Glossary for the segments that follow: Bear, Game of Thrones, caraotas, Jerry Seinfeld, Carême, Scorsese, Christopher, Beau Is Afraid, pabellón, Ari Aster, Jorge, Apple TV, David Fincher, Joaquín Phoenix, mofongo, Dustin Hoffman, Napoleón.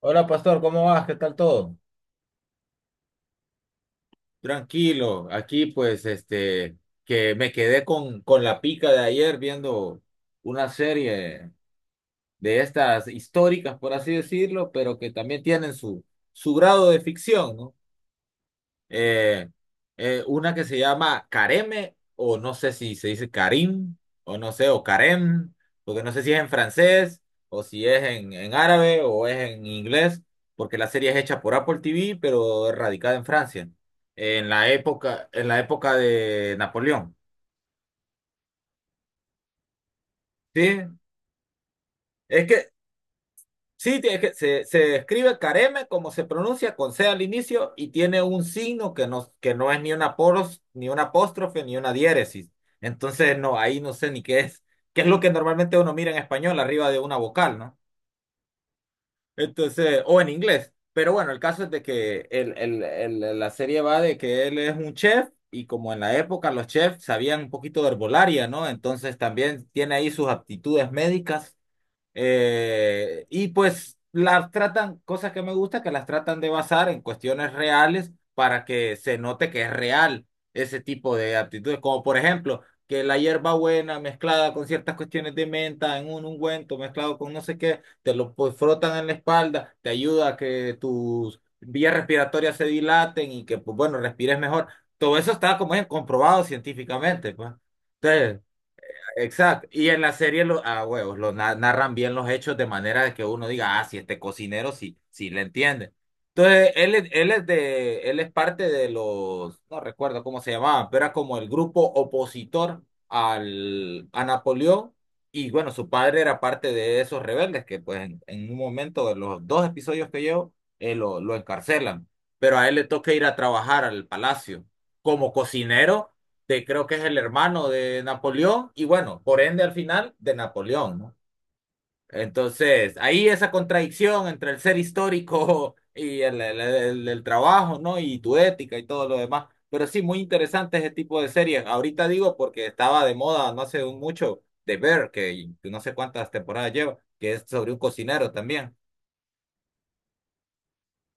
Hola, pastor, ¿cómo vas? ¿Qué tal todo? Tranquilo, aquí pues que me quedé con la pica de ayer viendo una serie de estas históricas, por así decirlo, pero que también tienen su grado de ficción, ¿no? eh, una que se llama Careme, o no sé si se dice Karim, o no sé, o Karem, porque no sé si es en francés, o si es en árabe, o es en inglés, porque la serie es hecha por Apple TV, pero es radicada en Francia, en la época de Napoleón. Sí, es que se escribe careme como se pronuncia con C al inicio y tiene un signo que no es ni una poros, ni una apóstrofe, ni una diéresis. Entonces, no, ahí no sé ni qué es, qué es lo que normalmente uno mira en español arriba de una vocal, ¿no? Entonces, o en inglés. Pero bueno, el caso es de que la serie va de que él es un chef y como en la época los chefs sabían un poquito de herbolaria, ¿no? Entonces también tiene ahí sus aptitudes médicas, y pues las tratan, cosas que me gusta, que las tratan de basar en cuestiones reales para que se note que es real ese tipo de actitudes, como por ejemplo que la hierbabuena mezclada con ciertas cuestiones de menta en un ungüento mezclado con no sé qué, te lo pues, frotan en la espalda, te ayuda a que tus vías respiratorias se dilaten y que pues bueno, respires mejor. Todo eso está como es comprobado científicamente, pues. Entonces, exacto. Y en la serie, lo, a huevos, narran bien los hechos de manera de que uno diga, ah, si este cocinero sí, sí le entiende. Entonces, él es parte de los, no recuerdo cómo se llamaban, pero era como el grupo opositor a Napoleón. Y bueno, su padre era parte de esos rebeldes que pues en un momento, de los dos episodios que llevo, lo encarcelan. Pero a él le toca ir a trabajar al palacio como cocinero de creo que es el hermano de Napoleón y bueno, por ende al final de Napoleón, ¿no? Entonces, ahí esa contradicción entre el ser histórico y el trabajo, ¿no? Y tu ética y todo lo demás. Pero sí, muy interesante ese tipo de series. Ahorita digo porque estaba de moda no hace un mucho de Bear que no sé cuántas temporadas lleva, que es sobre un cocinero también.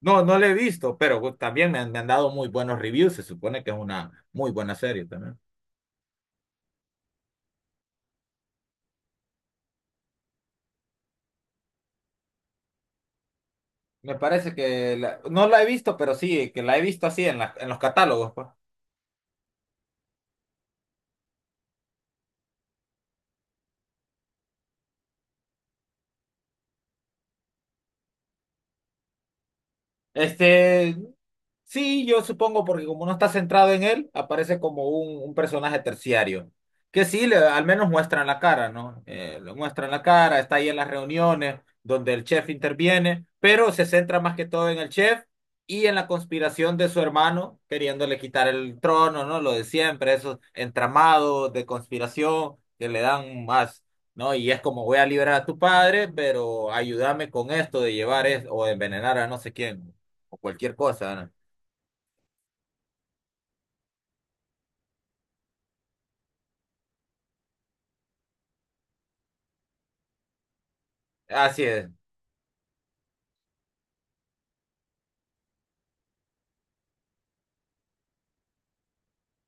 No, no lo he visto, pero también me han dado muy buenos reviews. Se supone que es una muy buena serie también. Me parece que no la he visto, pero sí, que la he visto así en los catálogos, pues. Este, sí, yo supongo, porque como no está centrado en él, aparece como un personaje terciario. Que sí, al menos muestran la cara, ¿no? Lo muestran la cara, está ahí en las reuniones donde el chef interviene, pero se centra más que todo en el chef y en la conspiración de su hermano, queriéndole quitar el trono, ¿no? Lo de siempre, esos entramados de conspiración que le dan más, ¿no? Y es como voy a liberar a tu padre, pero ayúdame con esto de llevar o de envenenar a no sé quién o cualquier cosa, ¿no? Así es.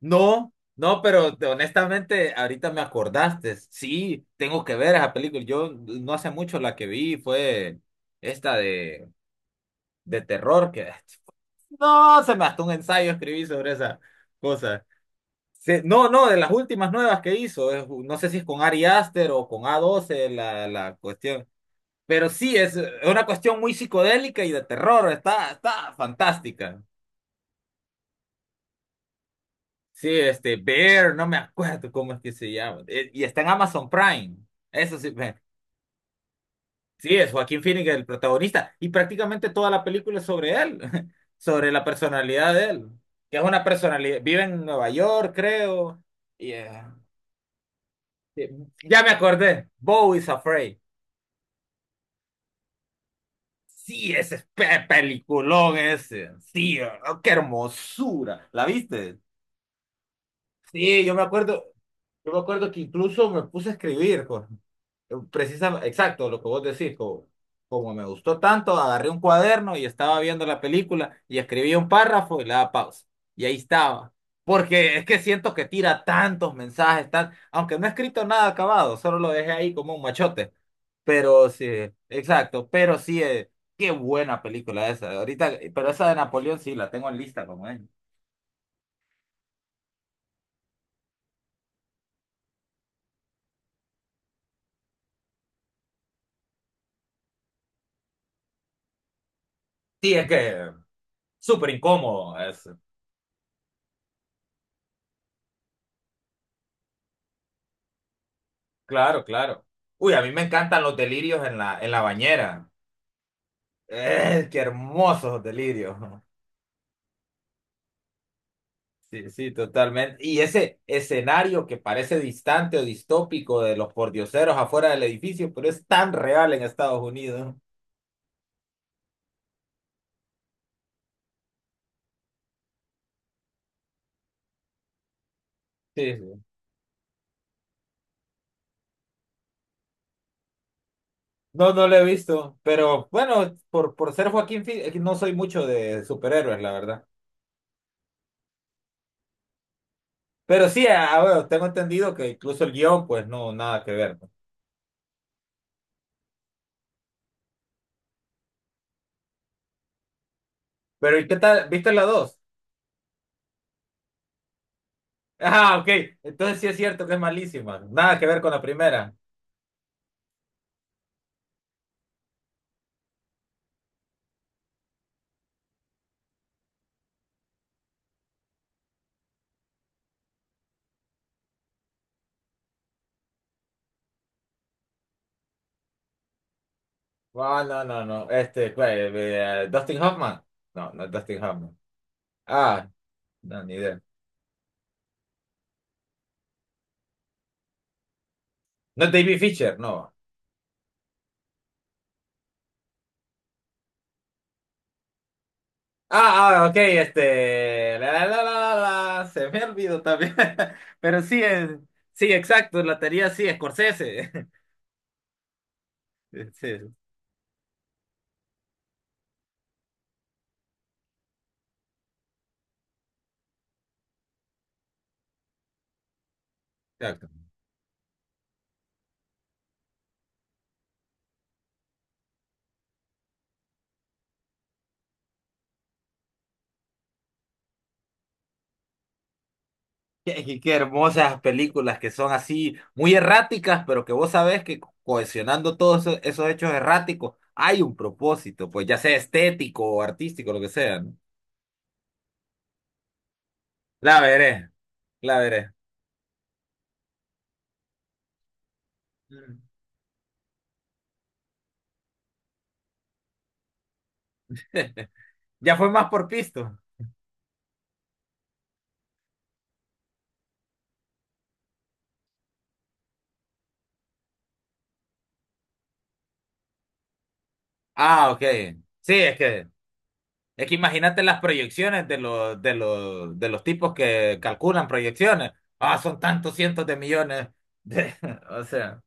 No, no, pero honestamente, ahorita me acordaste. Sí, tengo que ver esa película. Yo no hace mucho la que vi fue esta de terror que no, se me hasta un ensayo escribí sobre esa cosa. No, no, de las últimas nuevas que hizo, no sé si es con Ari Aster o con A12 la cuestión, pero sí, es una cuestión muy psicodélica y de terror, está fantástica. Sí, Bear, no me acuerdo cómo es que se llama. Y está en Amazon Prime. Eso sí, ve. Sí, es Joaquín Phoenix el protagonista. Y prácticamente toda la película es sobre él, sobre la personalidad de él. Que es una personalidad, vive en Nueva York, creo. Y, sí, ya me acordé, Bo is Afraid. Sí, ese es peliculón ese. Sí, oh, qué hermosura. ¿La viste? Sí, yo me acuerdo que incluso me puse a escribir, Jorge. Precisa, exacto, lo que vos decís, como me gustó tanto, agarré un cuaderno y estaba viendo la película y escribí un párrafo y le daba pausa. Y ahí estaba. Porque es que siento que tira tantos mensajes, tan, aunque no he escrito nada acabado, solo lo dejé ahí como un machote. Pero sí, exacto, pero sí, qué buena película esa. Ahorita, pero esa de Napoleón sí la tengo en lista como es. Sí, es que súper incómodo es. Claro, claro. Uy, a mí me encantan los delirios en la bañera. Qué hermosos delirios. Sí, sí, totalmente. Y ese escenario que parece distante o distópico de los pordioseros afuera del edificio, pero es tan real en Estados Unidos. Sí, sí. No, no lo he visto, pero bueno, por ser Joaquín Phoenix, no soy mucho de superhéroes, la verdad. Pero sí, bueno, tengo entendido que incluso el guión, pues no, nada que ver, ¿no? Pero ¿y qué tal? ¿Viste la dos? Ah, ok. Entonces sí es cierto que es malísima. Nada que ver con la primera. Ah, no, no, no. ¿Cuál? Dustin Hoffman. No, no es Dustin Hoffman. Ah, no, ni idea. No es David Fincher, no. Ok. La, se me olvidó también. Pero sí, sí, exacto. La teoría sí, Scorsese. Sí, exacto. Qué, hermosas películas que son así, muy erráticas, pero que vos sabés que cohesionando todos esos hechos erráticos hay un propósito, pues ya sea estético o artístico, lo que sea, ¿no? La veré, la veré. Mm. Ya fue más por pisto. Ah, ok. Sí, es que imagínate las proyecciones de los tipos que calculan proyecciones. Ah, son tantos cientos de millones de- o sea.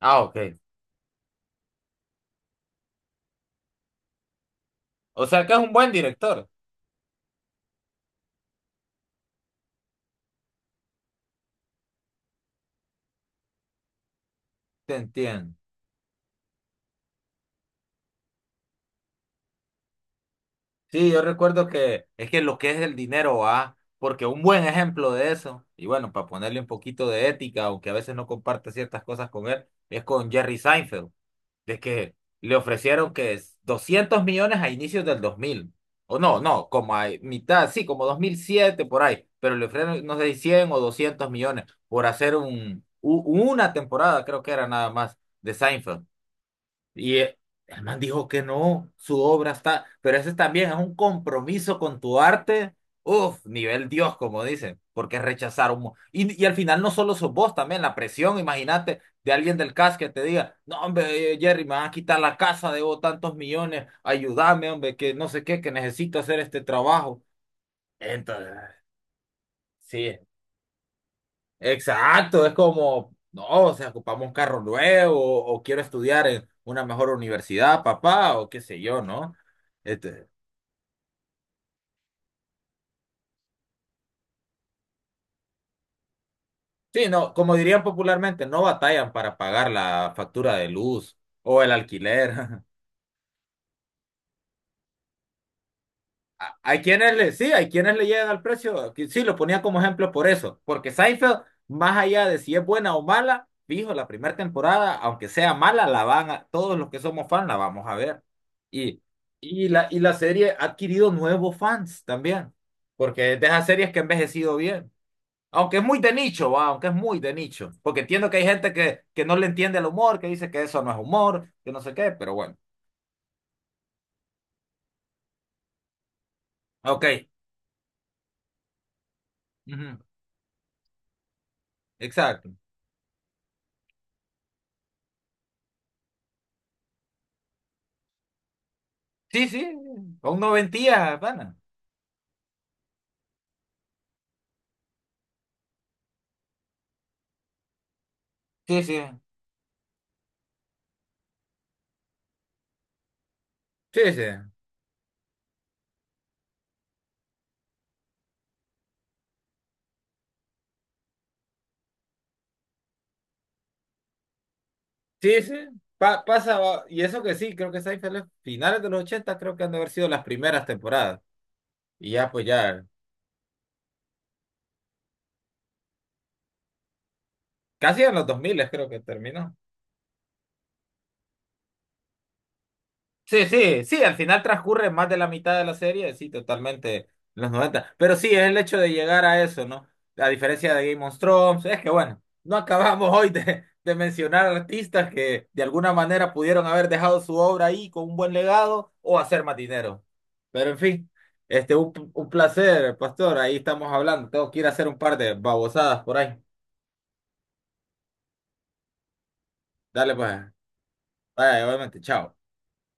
Ah, ok. O sea que es un buen director. Te entiendo. Sí, yo recuerdo que es que lo que es el dinero, va, porque un buen ejemplo de eso, y bueno, para ponerle un poquito de ética, aunque a veces no comparte ciertas cosas con él, es con Jerry Seinfeld, de que le ofrecieron que es 200 millones a inicios del 2000, o no, no, como a mitad, sí, como 2007 por ahí, pero le ofrecieron, no sé, 100 o 200 millones por hacer una temporada, creo que era nada más, de Seinfeld. Y, el man dijo que no, su obra está, pero ese también es un compromiso con tu arte, uf, nivel Dios, como dicen, porque rechazar un... Y al final no solo sos vos, también la presión, imagínate, de alguien del CAS que te diga, no, hombre, Jerry, me van a quitar la casa, debo tantos millones, ayúdame, hombre, que no sé qué, que necesito hacer este trabajo. Entonces, sí, exacto, es como, no, o sea, ocupamos un carro nuevo o quiero estudiar en una mejor universidad, papá, o qué sé yo, ¿no? Este, sí, no, como dirían popularmente, no batallan para pagar la factura de luz o el alquiler. Sí, hay quienes le llegan al precio. Que Sí, lo ponía como ejemplo por eso. Porque Seinfeld, más allá de si es buena o mala, fijo, la primera temporada, aunque sea mala, todos los que somos fans la vamos a ver. Y, y la serie ha adquirido nuevos fans también. Porque es de esas series que ha envejecido bien. Aunque es muy de nicho, va, aunque es muy de nicho. Porque entiendo que hay gente que no le entiende el humor, que dice que eso no es humor, que no sé qué, pero bueno. Ok. Ujú, exacto. Sí, sí, con noventías, pana. Sí, sí, sí, sí, sí, sí. Pasa, y eso que sí, creo que Seinfeld es finales de los 80 creo que han de haber sido las primeras temporadas. Y ya, pues ya, casi en los 2000 creo que terminó. Sí, sí, sí, al final transcurre más de la mitad de la serie, sí, totalmente, en los 90. Pero sí, es el hecho de llegar a eso, ¿no? A diferencia de Game of Thrones, es que bueno, no acabamos hoy de mencionar artistas que de alguna manera pudieron haber dejado su obra ahí con un buen legado o hacer más dinero. Pero en fin, un placer, Pastor, ahí estamos hablando. Tengo que ir a hacer un par de babosadas por ahí. Dale pues, vaya, obviamente, chao.